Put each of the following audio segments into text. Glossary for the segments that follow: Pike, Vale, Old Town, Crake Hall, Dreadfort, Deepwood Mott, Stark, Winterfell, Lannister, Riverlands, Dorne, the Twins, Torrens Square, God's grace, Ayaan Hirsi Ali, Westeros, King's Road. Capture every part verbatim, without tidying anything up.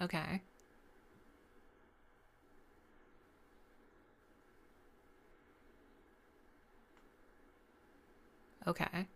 Okay. Okay.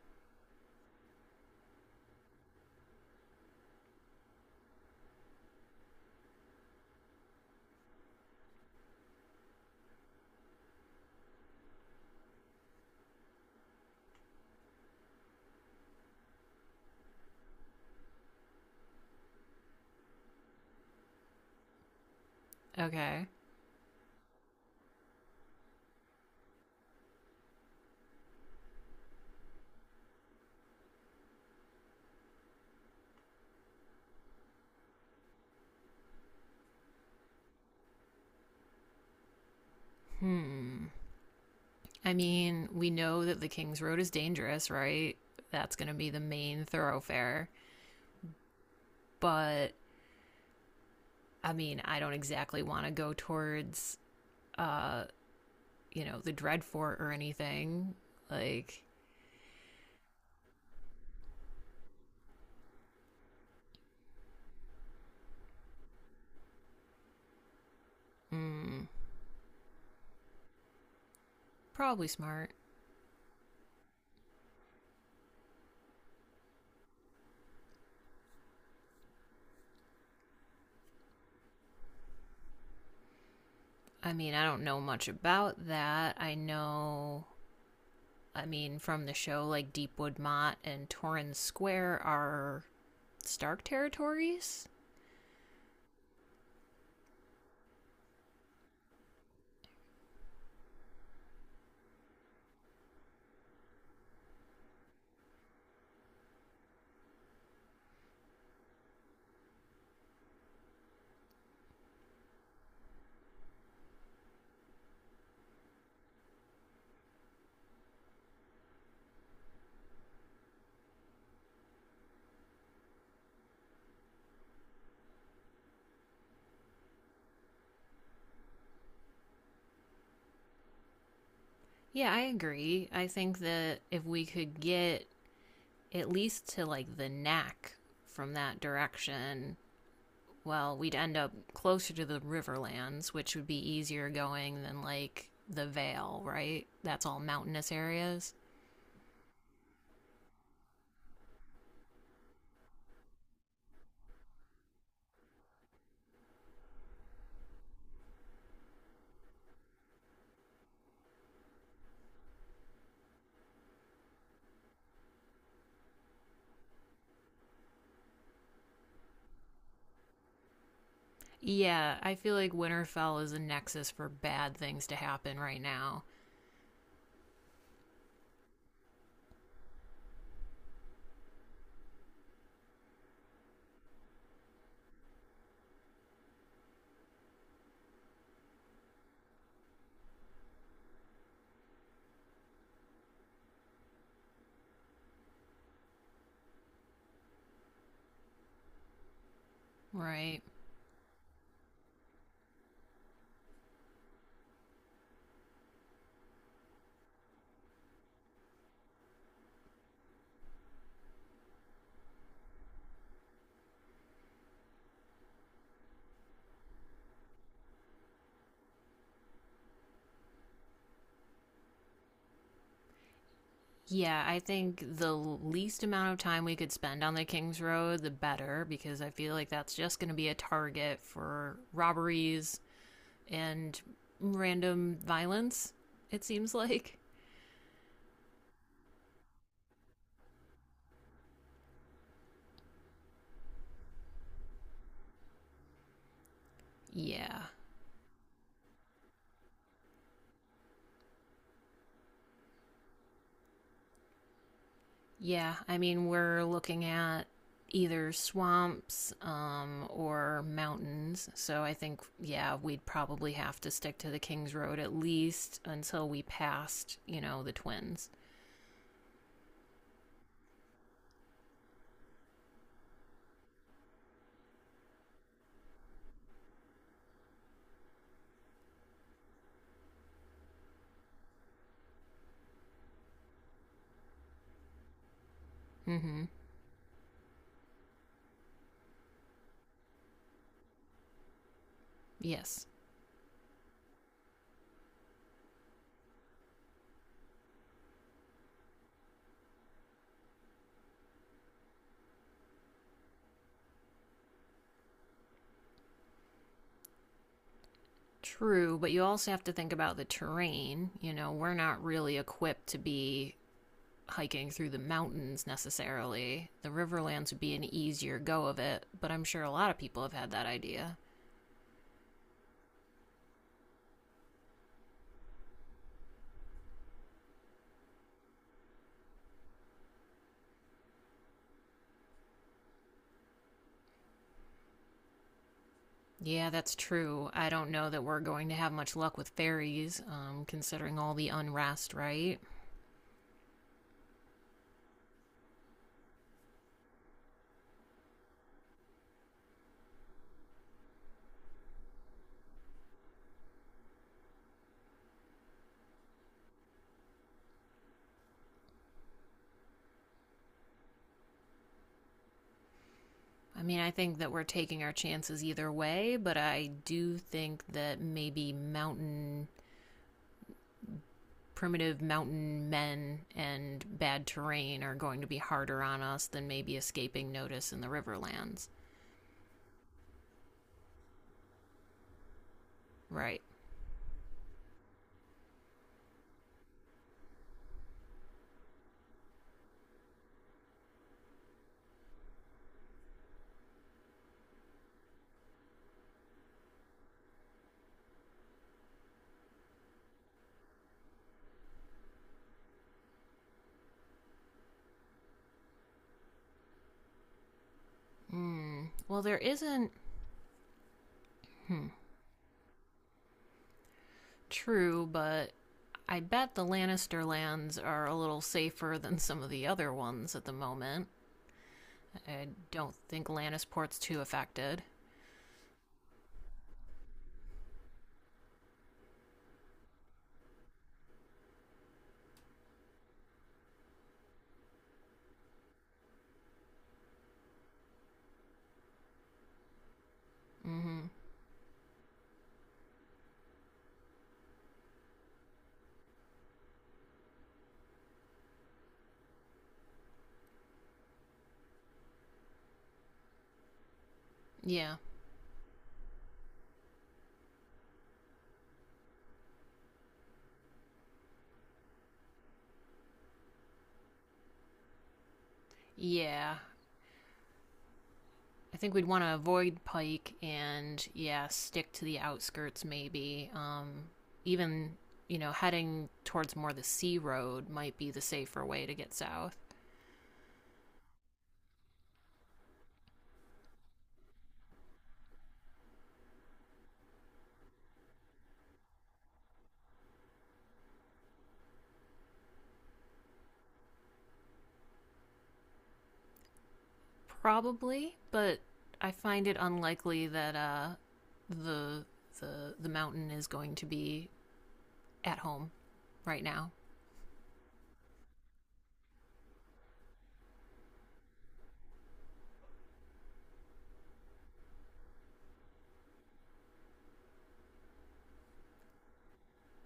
Okay. Hmm. I mean, we know that the King's Road is dangerous, right? That's going to be the main thoroughfare. But I mean, I don't exactly want to go towards, uh, you know, the Dreadfort or anything. Like, mm, probably smart. I mean, I don't know much about that. I know, I mean, from the show, like Deepwood Mott and Torrens Square are Stark territories. Yeah, I agree. I think that if we could get at least to like the neck from that direction, well, we'd end up closer to the Riverlands, which would be easier going than like the Vale, right? That's all mountainous areas. Yeah, I feel like Winterfell is a nexus for bad things to happen right now, right? Yeah, I think the least amount of time we could spend on the King's Road, the better, because I feel like that's just going to be a target for robberies and random violence, it seems like. Yeah. Yeah, I mean, we're looking at either swamps um, or mountains. So I think, yeah, we'd probably have to stick to the King's Road at least until we passed, you know, the twins. Mm hmm. Yes. True, but you also have to think about the terrain. You know, we're not really equipped to be hiking through the mountains necessarily. The Riverlands would be an easier go of it, but I'm sure a lot of people have had that idea. Yeah, that's true. I don't know that we're going to have much luck with ferries, um, considering all the unrest, right? I mean, I think that we're taking our chances either way, but I do think that maybe mountain primitive mountain men and bad terrain are going to be harder on us than maybe escaping notice in the riverlands. Right. Hmm. Well, there isn't true, but I bet the Lannister lands are a little safer than some of the other ones at the moment. I don't think Lannisport's too affected. Mm hmm. Yeah. Yeah, I think we'd want to avoid Pike and yeah, stick to the outskirts maybe. Um, even you know, heading towards more the sea road might be the safer way to get south, probably. But I find it unlikely that uh, the the the mountain is going to be at home right now.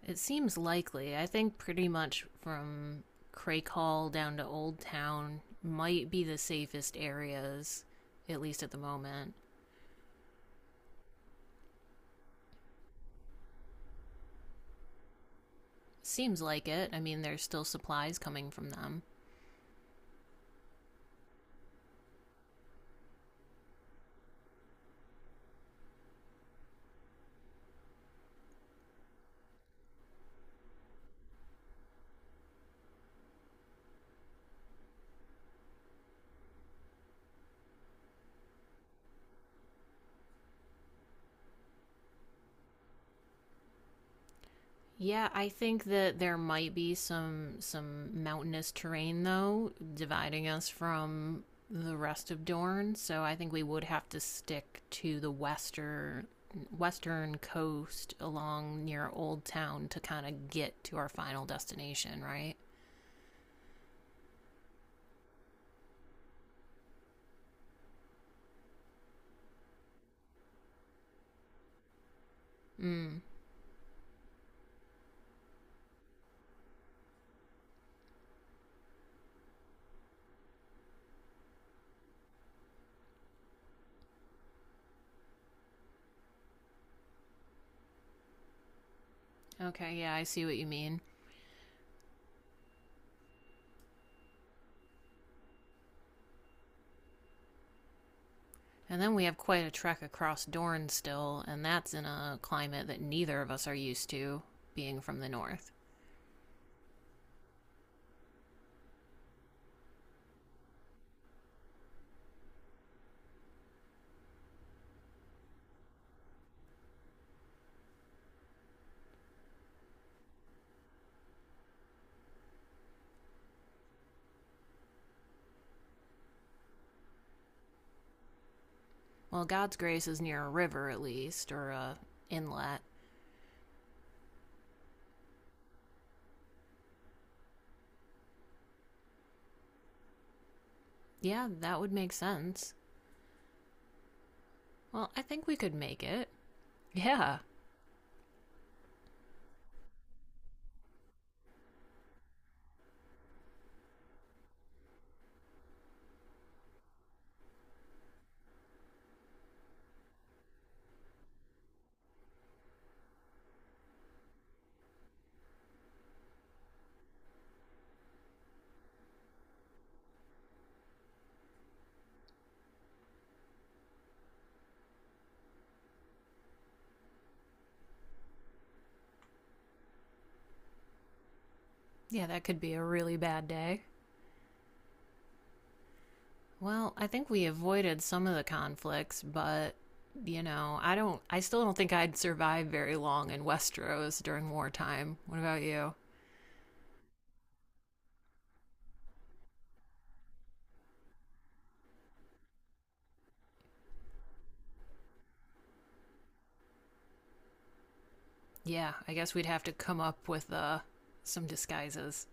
It seems likely. I think pretty much from Crake Hall down to Old Town might be the safest areas, at least at the moment. Seems like it. I mean, there's still supplies coming from them. Yeah, I think that there might be some some mountainous terrain though dividing us from the rest of Dorne, so I think we would have to stick to the western western coast along near Old Town to kind of get to our final destination, right? Mm. Okay, yeah, I see what you mean. And then we have quite a trek across Dorne still, and that's in a climate that neither of us are used to, being from the north. Well, God's grace is near a river at least, or a inlet. Yeah, that would make sense. Well, I think we could make it. Yeah. Yeah, that could be a really bad day. Well, I think we avoided some of the conflicts, but you know, I don't I still don't think I'd survive very long in Westeros during wartime. What about you? Yeah, I guess we'd have to come up with uh, some disguises.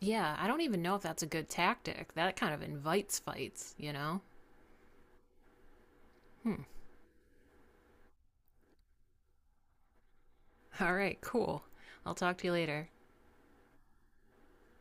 Yeah, I don't even know if that's a good tactic. That kind of invites fights, you know? Hmm. All right, cool. I'll talk to you later.